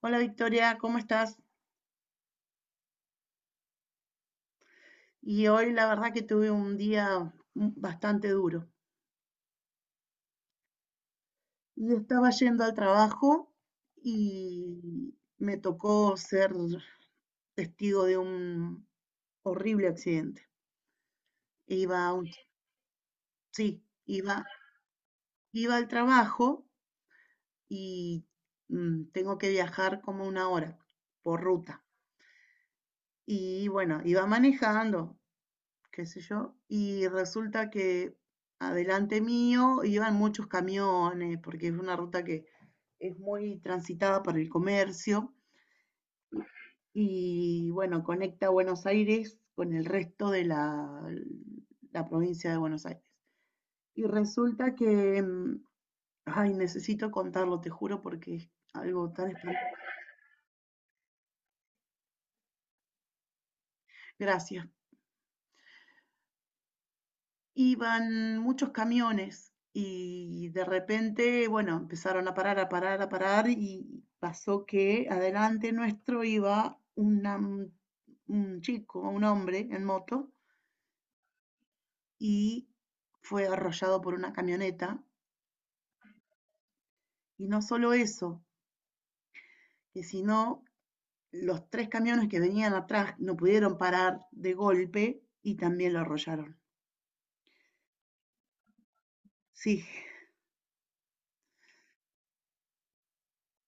Hola Victoria, ¿cómo estás? Y hoy la verdad que tuve un día bastante duro. Y estaba yendo al trabajo y me tocó ser testigo de un horrible accidente. Iba a un, sí, iba al trabajo y tengo que viajar como una hora por ruta. Y bueno, iba manejando, qué sé yo, y resulta que adelante mío iban muchos camiones, porque es una ruta que es muy transitada para el comercio y bueno, conecta Buenos Aires con el resto de la provincia de Buenos Aires. Y resulta que, ay, necesito contarlo, te juro, porque es algo tan espantoso. Gracias. Iban muchos camiones y de repente, bueno, empezaron a parar, a parar, a parar y pasó que adelante nuestro iba una un chico, un hombre en moto y fue arrollado por una camioneta. Y no solo eso, que sino los tres camiones que venían atrás no pudieron parar de golpe y también lo arrollaron. Sí,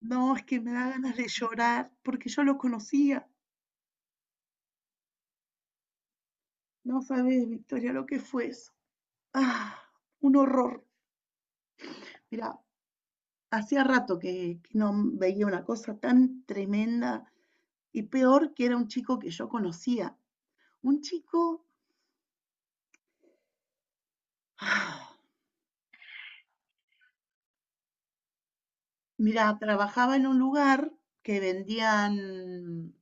no, es que me da ganas de llorar porque yo lo conocía. No sabes, Victoria, lo que fue eso. Ah, un horror. Mira, hacía rato que no veía una cosa tan tremenda y peor que era un chico que yo conocía. Un chico, ah, mira, trabajaba en un lugar que vendían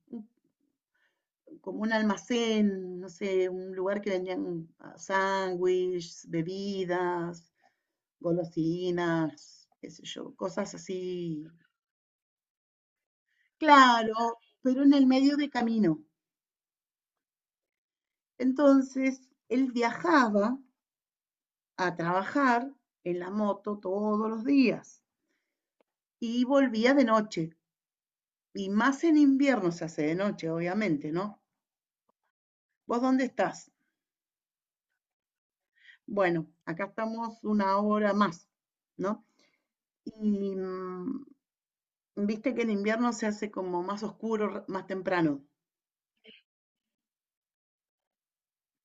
como un almacén, no sé, un lugar que vendían sándwiches, bebidas, golosinas, qué sé yo, cosas así. Claro, pero en el medio de camino. Entonces, él viajaba a trabajar en la moto todos los días y volvía de noche. Y más en invierno se hace de noche, obviamente, ¿no? ¿Vos dónde estás? Bueno, acá estamos una hora más, ¿no? Y viste que en invierno se hace como más oscuro, más temprano.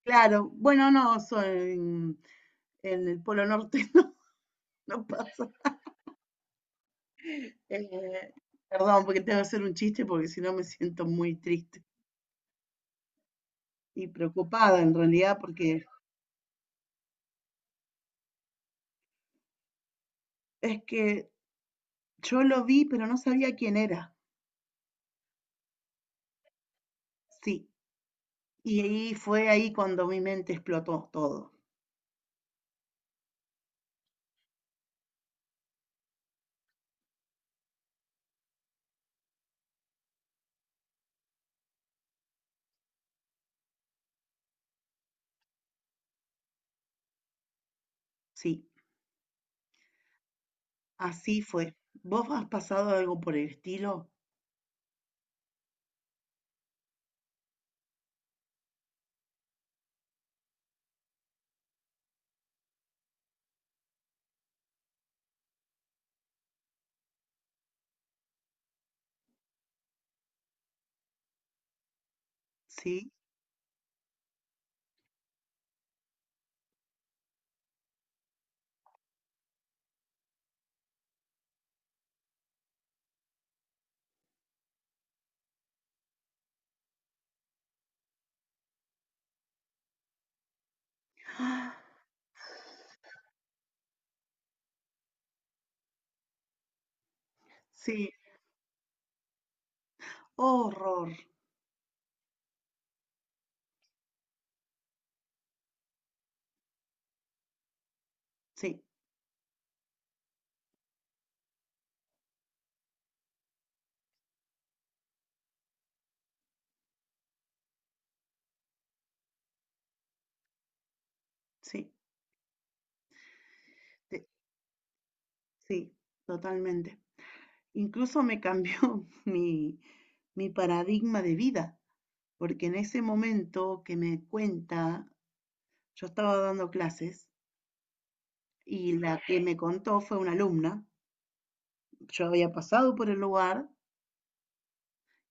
Claro, bueno, no, soy en, el Polo Norte, no, no pasa. Eh, Perdón, porque tengo que hacer un chiste porque si no me siento muy triste. Y preocupada en realidad porque es que yo lo vi, pero no sabía quién era. Sí. Y ahí fue ahí cuando mi mente explotó todo. Sí. Así fue. ¿Vos has pasado algo por el estilo? Sí. ¡Ah! Sí. Horror. Sí, sí, sí, sí, totalmente. Incluso me cambió mi paradigma de vida, porque en ese momento que me cuenta, yo estaba dando clases. Y la que me contó fue una alumna. Yo había pasado por el lugar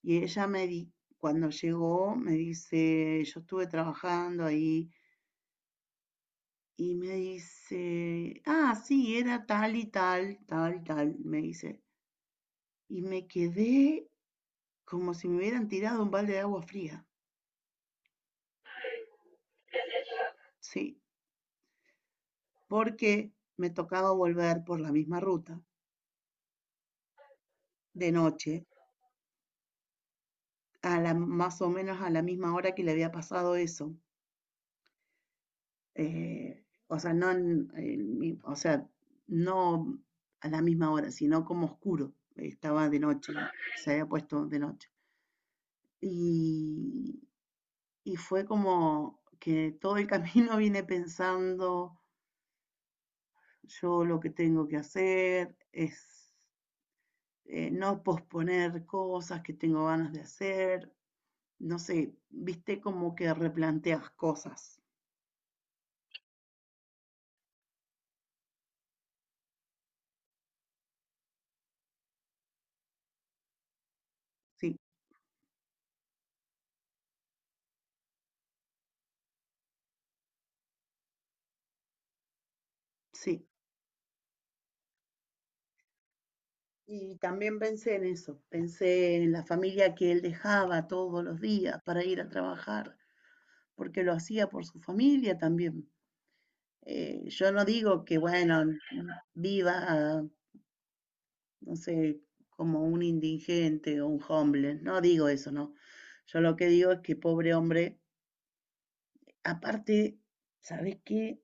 y cuando llegó, me dice, yo estuve trabajando ahí y me dice, ah, sí, era tal y tal, tal, tal, me dice. Y me quedé como si me hubieran tirado un balde de agua fría, sí, porque me tocaba volver por la misma ruta de noche, a más o menos a la misma hora que le había pasado eso. O sea, no en, en mi- o sea, no a la misma hora, sino como oscuro. Estaba de noche, se había puesto de noche. Y, y fue como que todo el camino vine pensando, yo lo que tengo que hacer es no posponer cosas que tengo ganas de hacer. No sé, viste como que replanteas cosas. Sí, sí. Y también pensé en eso, pensé en la familia que él dejaba todos los días para ir a trabajar, porque lo hacía por su familia también. Yo no digo que, bueno, viva, no sé, como un indigente o un homeless, no digo eso, no. Yo lo que digo es que pobre hombre, aparte, ¿sabes qué?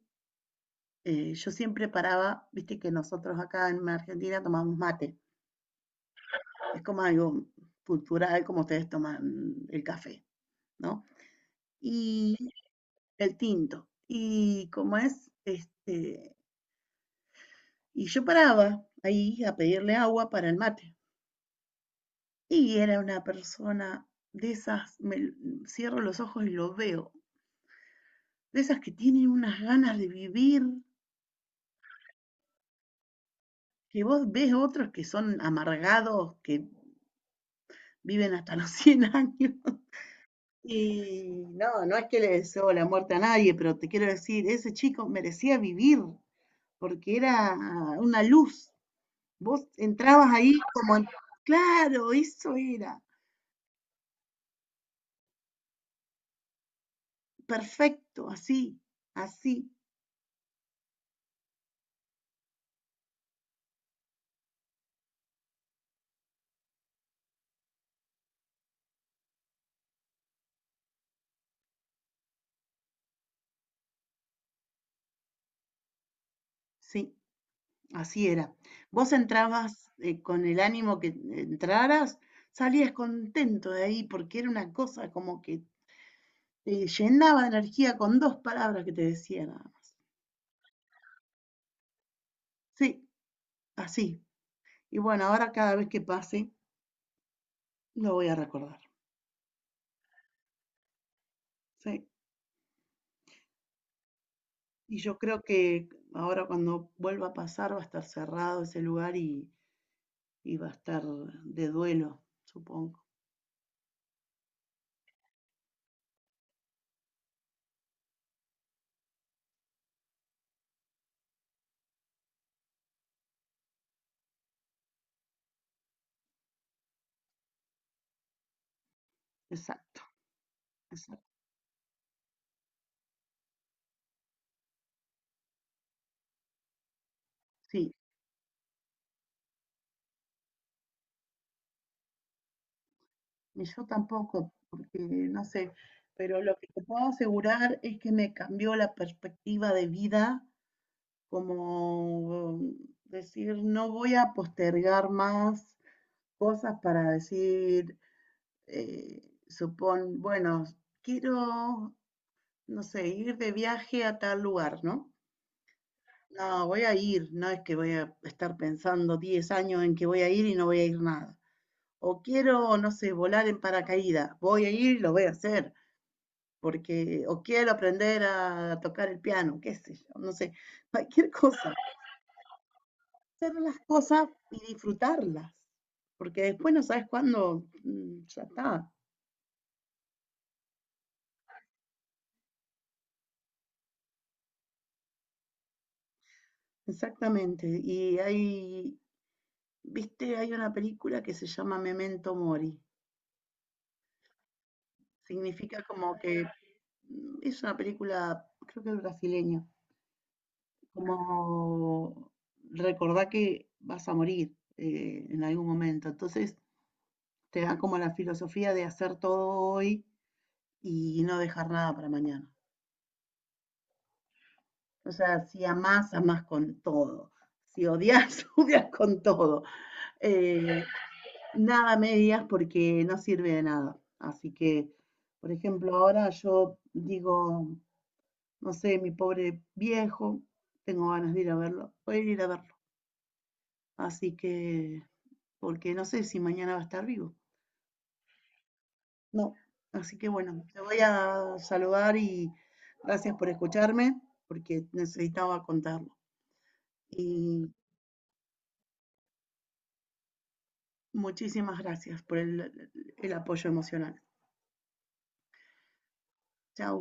Yo siempre paraba, viste que nosotros acá en Argentina tomamos mate, es como algo cultural como ustedes toman el café, ¿no? Y el tinto. Y como es, este, y yo paraba ahí a pedirle agua para el mate. Y era una persona de esas, me cierro los ojos y lo veo, de esas que tienen unas ganas de vivir, que vos ves otros que son amargados, que viven hasta los 100 años. Y no, no es que le deseo la muerte a nadie, pero te quiero decir, ese chico merecía vivir porque era una luz. Vos entrabas ahí como, en- Claro, eso era, perfecto, así, así, sí, así era. Vos entrabas con el ánimo que entraras, salías contento de ahí porque era una cosa como que te llenaba de energía con dos palabras que te decía nada más. Sí, así. Y bueno, ahora cada vez que pase, lo voy a recordar. Sí. Y yo creo que ahora cuando vuelva a pasar va a estar cerrado ese lugar y va a estar de duelo, supongo. Exacto, exacto. Sí, ni yo tampoco, porque no sé, pero lo que te puedo asegurar es que me cambió la perspectiva de vida, como decir, no voy a postergar más cosas para decir, eh, supón, bueno, quiero, no sé, ir de viaje a tal lugar, ¿no? No, voy a ir, no es que voy a estar pensando 10 años en que voy a ir y no voy a ir nada. O quiero, no sé, volar en paracaídas, voy a ir y lo voy a hacer, porque, o quiero aprender a tocar el piano, qué sé yo, no sé, cualquier cosa. Hacer las cosas y disfrutarlas, porque después no sabes cuándo, ya está, exactamente. Y hay, viste, hay una película que se llama Memento Mori, significa como que es una película, creo que es brasileña como recordar que vas a morir en algún momento. Entonces te da como la filosofía de hacer todo hoy y no dejar nada para mañana. O sea, si amás, amás con todo. Si odias, odias con todo. Eh, Nada medias porque no sirve de nada. Así que, por ejemplo, ahora yo digo, no sé, mi pobre viejo, tengo ganas de ir a verlo, voy a ir a verlo. Así que porque no sé si mañana va a estar vivo. No. Así que bueno, te voy a saludar y gracias por escucharme, porque necesitaba contarlo. Y muchísimas gracias por el apoyo emocional. Chao.